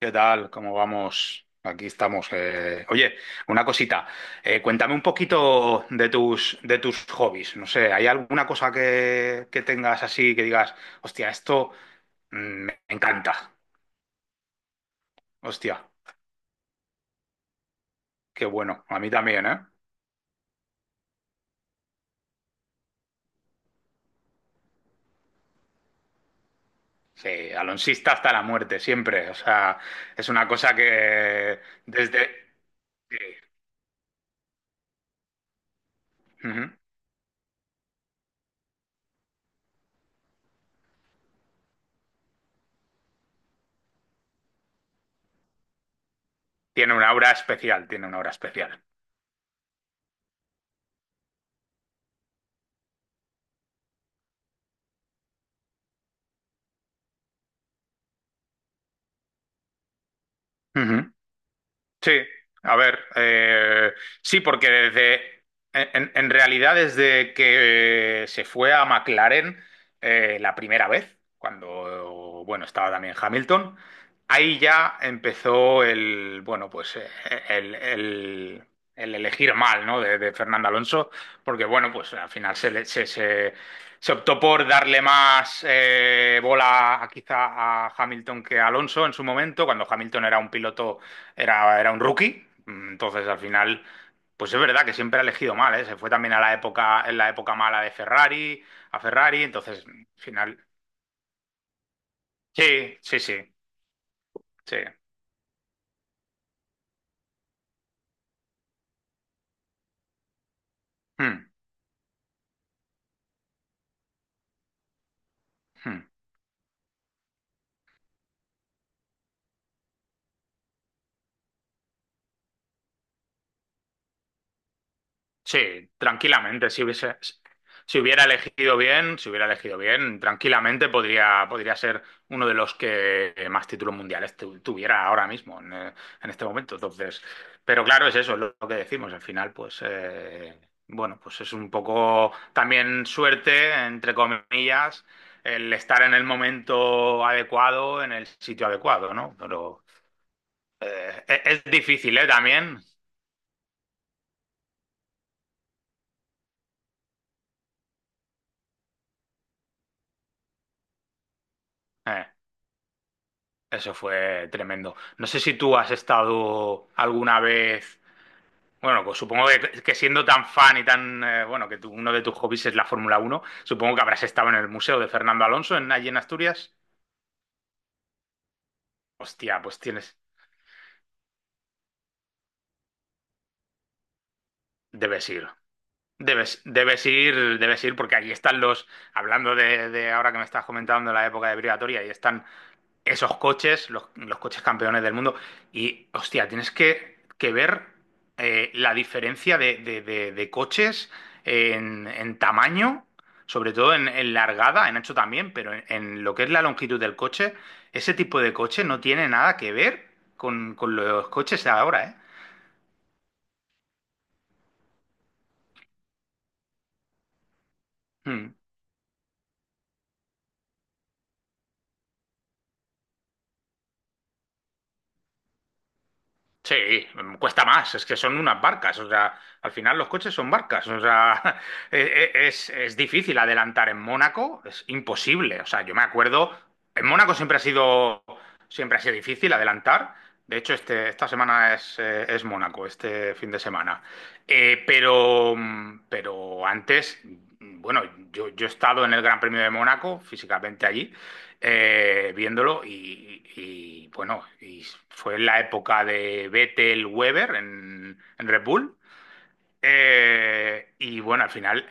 ¿Qué tal? ¿Cómo vamos? Aquí estamos. Oye, una cosita. Cuéntame un poquito de tus hobbies. No sé, ¿hay alguna cosa que tengas así que digas, hostia, esto mm, me encanta? Hostia, qué bueno. A mí también, ¿eh? Sí, alonsista hasta la muerte, siempre. O sea, es una cosa que desde... sí, ujú. Tiene una aura especial, tiene una aura especial. Ujú. Sí, a ver, sí, porque en realidad desde que se fue a McLaren, la primera vez, cuando, bueno, estaba también Hamilton, ahí ya empezó bueno, pues el, el- el elegir mal, ¿no? De Fernando Alonso, porque, bueno, pues al final se, le- se- se optó por darle más bola quizá a Hamilton que a Alonso en su momento, cuando Hamilton era un piloto, era un rookie. Entonces, al final, pues es verdad que siempre ha elegido mal, ¿eh? Se fue también en la época mala de Ferrari, a Ferrari. Entonces, al final, sí, sí, sí, sí. Mm, mm. Sí, tranquilamente. Si hubiera elegido bien, si hubiera elegido bien, tranquilamente podría ser uno de los que más títulos mundiales tuviera ahora mismo, en este momento. Entonces, pero claro, es eso, es lo que decimos. Al final, pues bueno, pues es un poco también suerte, entre comillas, el estar en el momento adecuado, en el sitio adecuado, ¿no? Pero es difícil, ¿eh? También. eh, Eso fue tremendo. No sé si tú has estado alguna vez. Bueno, pues supongo que, siendo tan fan y tan, bueno, uno de tus hobbies es la Fórmula 1, supongo que habrás estado en el Museo de Fernando Alonso, allí en Asturias. Hostia, pues debes ir. Debes ir, debes ir, porque allí están hablando de ahora que me estás comentando la época de Brigatoria, ahí están esos coches, los coches campeones del mundo. Y hostia, tienes que ver, la diferencia de coches en tamaño, sobre todo en largada, en ancho también, pero en lo que es la longitud del coche. Ese tipo de coche no tiene nada que ver con los coches de ahora, ¿eh? Mm. Sí. Cuesta más, es que son unas barcas, o sea, al final los coches son barcas, o sea, es difícil adelantar en Mónaco, es imposible. O sea, yo me acuerdo, en Mónaco siempre ha sido difícil adelantar. De hecho, esta semana es Mónaco, este fin de semana. Pero antes, bueno, yo he estado en el Gran Premio de Mónaco, físicamente allí, viéndolo bueno, y fue la época de Vettel Weber en Red Bull. Y bueno, al final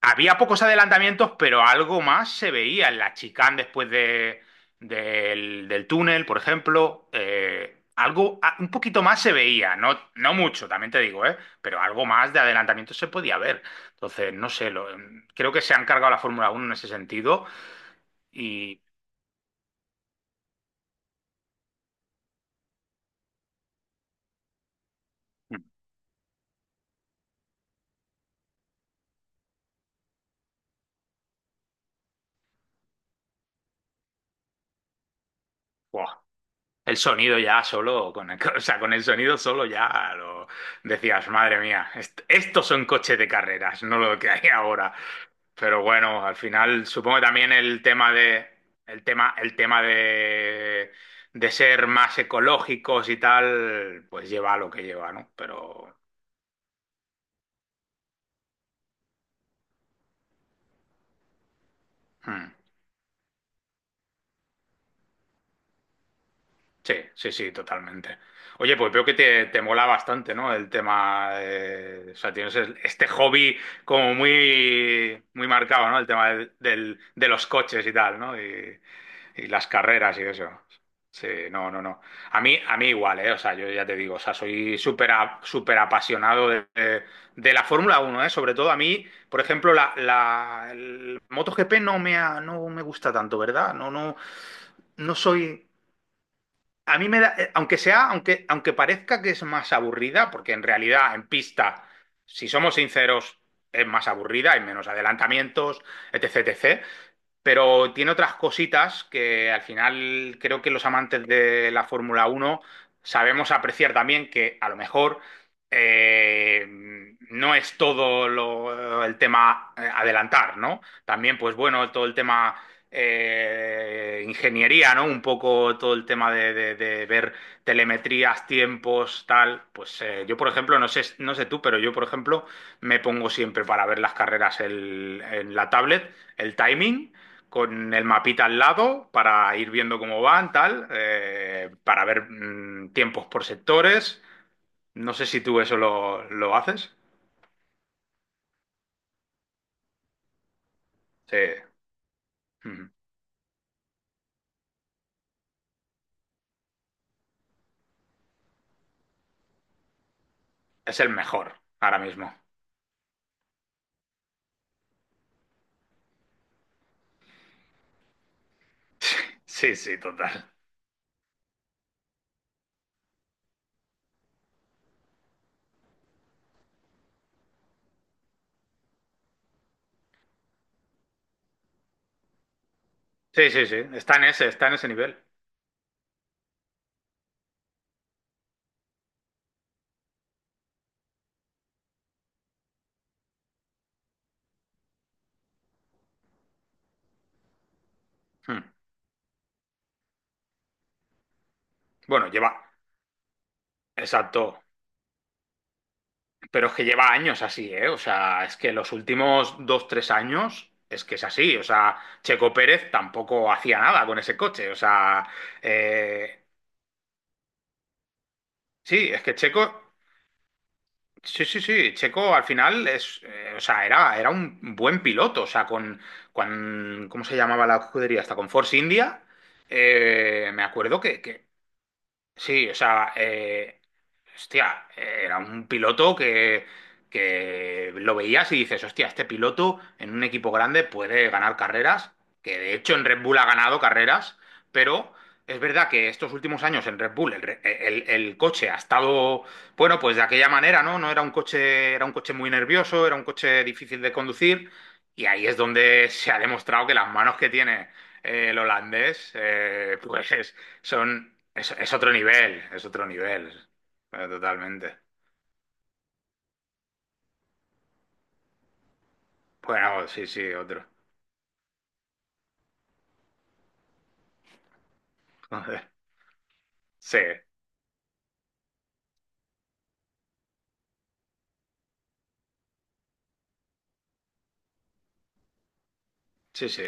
había pocos adelantamientos, pero algo más se veía en la chicane después del túnel, por ejemplo. Algo, un poquito más se veía, no, no mucho, también te digo, ¿eh? Pero algo más de adelantamiento se podía ver. Entonces, no sé, creo que se han cargado la Fórmula Uno en ese sentido y. mm, buah, el sonido ya solo, o sea, con el sonido solo ya lo decías: madre mía, estos son coches de carreras, no lo que hay ahora. Pero bueno, al final supongo que también el tema de ser más ecológicos y tal, pues lleva a lo que lleva, ¿no? Pero hmm. Sí, sí, sí, totalmente. Oye, pues veo que te mola bastante, ¿no? El tema, o sea, tienes este hobby como muy, muy marcado, ¿no? El tema de los coches y tal, ¿no? Y las carreras y eso. Sí, no, no, no. A mí igual, ¿eh? O sea, yo ya te digo, o sea, soy súper apasionado de la Fórmula Uno, ¿eh? Sobre todo a mí, por ejemplo, la, el MotoGP no me gusta tanto, ¿verdad? No, no, no. A mí me da, aunque parezca que es más aburrida, porque en realidad en pista, si somos sinceros, es más aburrida, hay menos adelantamientos, etc, etc, pero tiene otras cositas que al final creo que los amantes de la Fórmula Uno sabemos apreciar también, que a lo mejor, eh, no es todo el tema, adelantar, ¿no? También, pues bueno, todo el tema, ingeniería, ¿no? Un poco todo el tema de ver telemetrías, tiempos, tal. Pues yo, por ejemplo, no sé tú, pero yo, por ejemplo, me pongo siempre para ver las carreras, en la tablet, el timing con el mapita al lado para ir viendo cómo van, tal, para ver, tiempos por sectores. No sé si tú eso lo haces. Sí. Mm. Es el mejor ahora mismo. Sí, sí, total. Sí, sí, sí. Está en ese nivel. Mm. Bueno, lleva. Exacto. Pero es que lleva años así, ¿eh? O sea, es que los últimos dos, tres años es que es así. O sea, Checo Pérez tampoco hacía nada con ese coche. O sea, eh, sí, es que Checo. Sí, sí, sí. Checo, al final, o sea, era un buen piloto. O sea, ¿cómo se llamaba la escudería? Hasta con Force India. Me acuerdo que. Sí, o sea, hostia, era un piloto que lo veías y dices: hostia, este piloto en un equipo grande puede ganar carreras, que de hecho en Red Bull ha ganado carreras, pero es verdad que estos últimos años en Red Bull el coche ha estado, bueno, pues de aquella manera, ¿no? No era un coche, era un coche muy nervioso, era un coche difícil de conducir, y ahí es donde se ha demostrado que las manos que tiene, el holandés, pues es otro nivel, es otro nivel. Pero totalmente. Bueno, sí, sí, otro. Joder. Sí, sí, sí.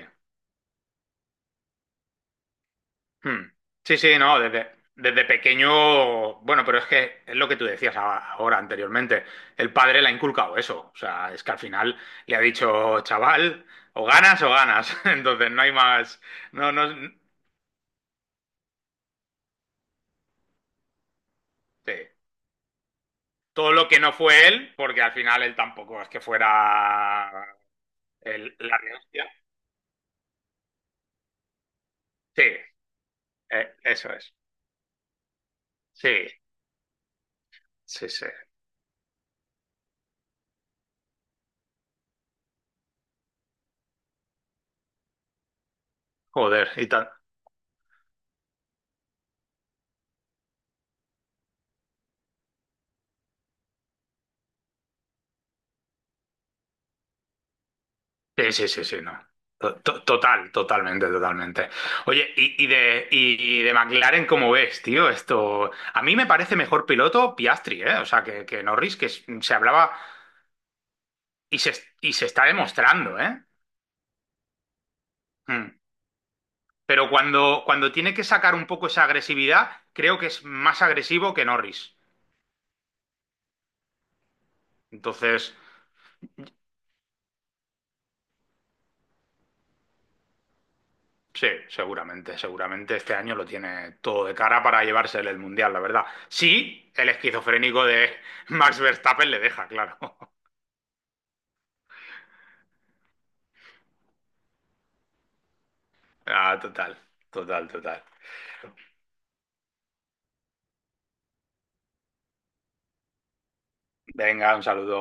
Hmm. Sí, sí, no, desde pequeño, bueno, pero es que es lo que tú decías ahora anteriormente, el padre le ha inculcado eso, o sea, es que al final le ha dicho: chaval, o ganas, entonces no hay más, no, no, sí. Todo lo que no fue él, porque al final él tampoco es que fuera la re hostia. Sí, eso es. Sí, sí, sí. Joder, y tal. Sí, sí, sí, sí, no. Total, totalmente, totalmente. Oye, y de McLaren, ¿cómo ves, tío? Esto. A mí me parece mejor piloto Piastri, ¿eh? O sea, que, Norris, que se hablaba, y se, y se, está demostrando, ¿eh? Mm. Pero cuando tiene que sacar un poco esa agresividad, creo que es más agresivo que Norris. Entonces. Sí, seguramente este año lo tiene todo de cara para llevarse el Mundial, la verdad. Sí, el esquizofrénico de Max Verstappen le deja, claro. Ah, total, total, total. Venga, un saludo.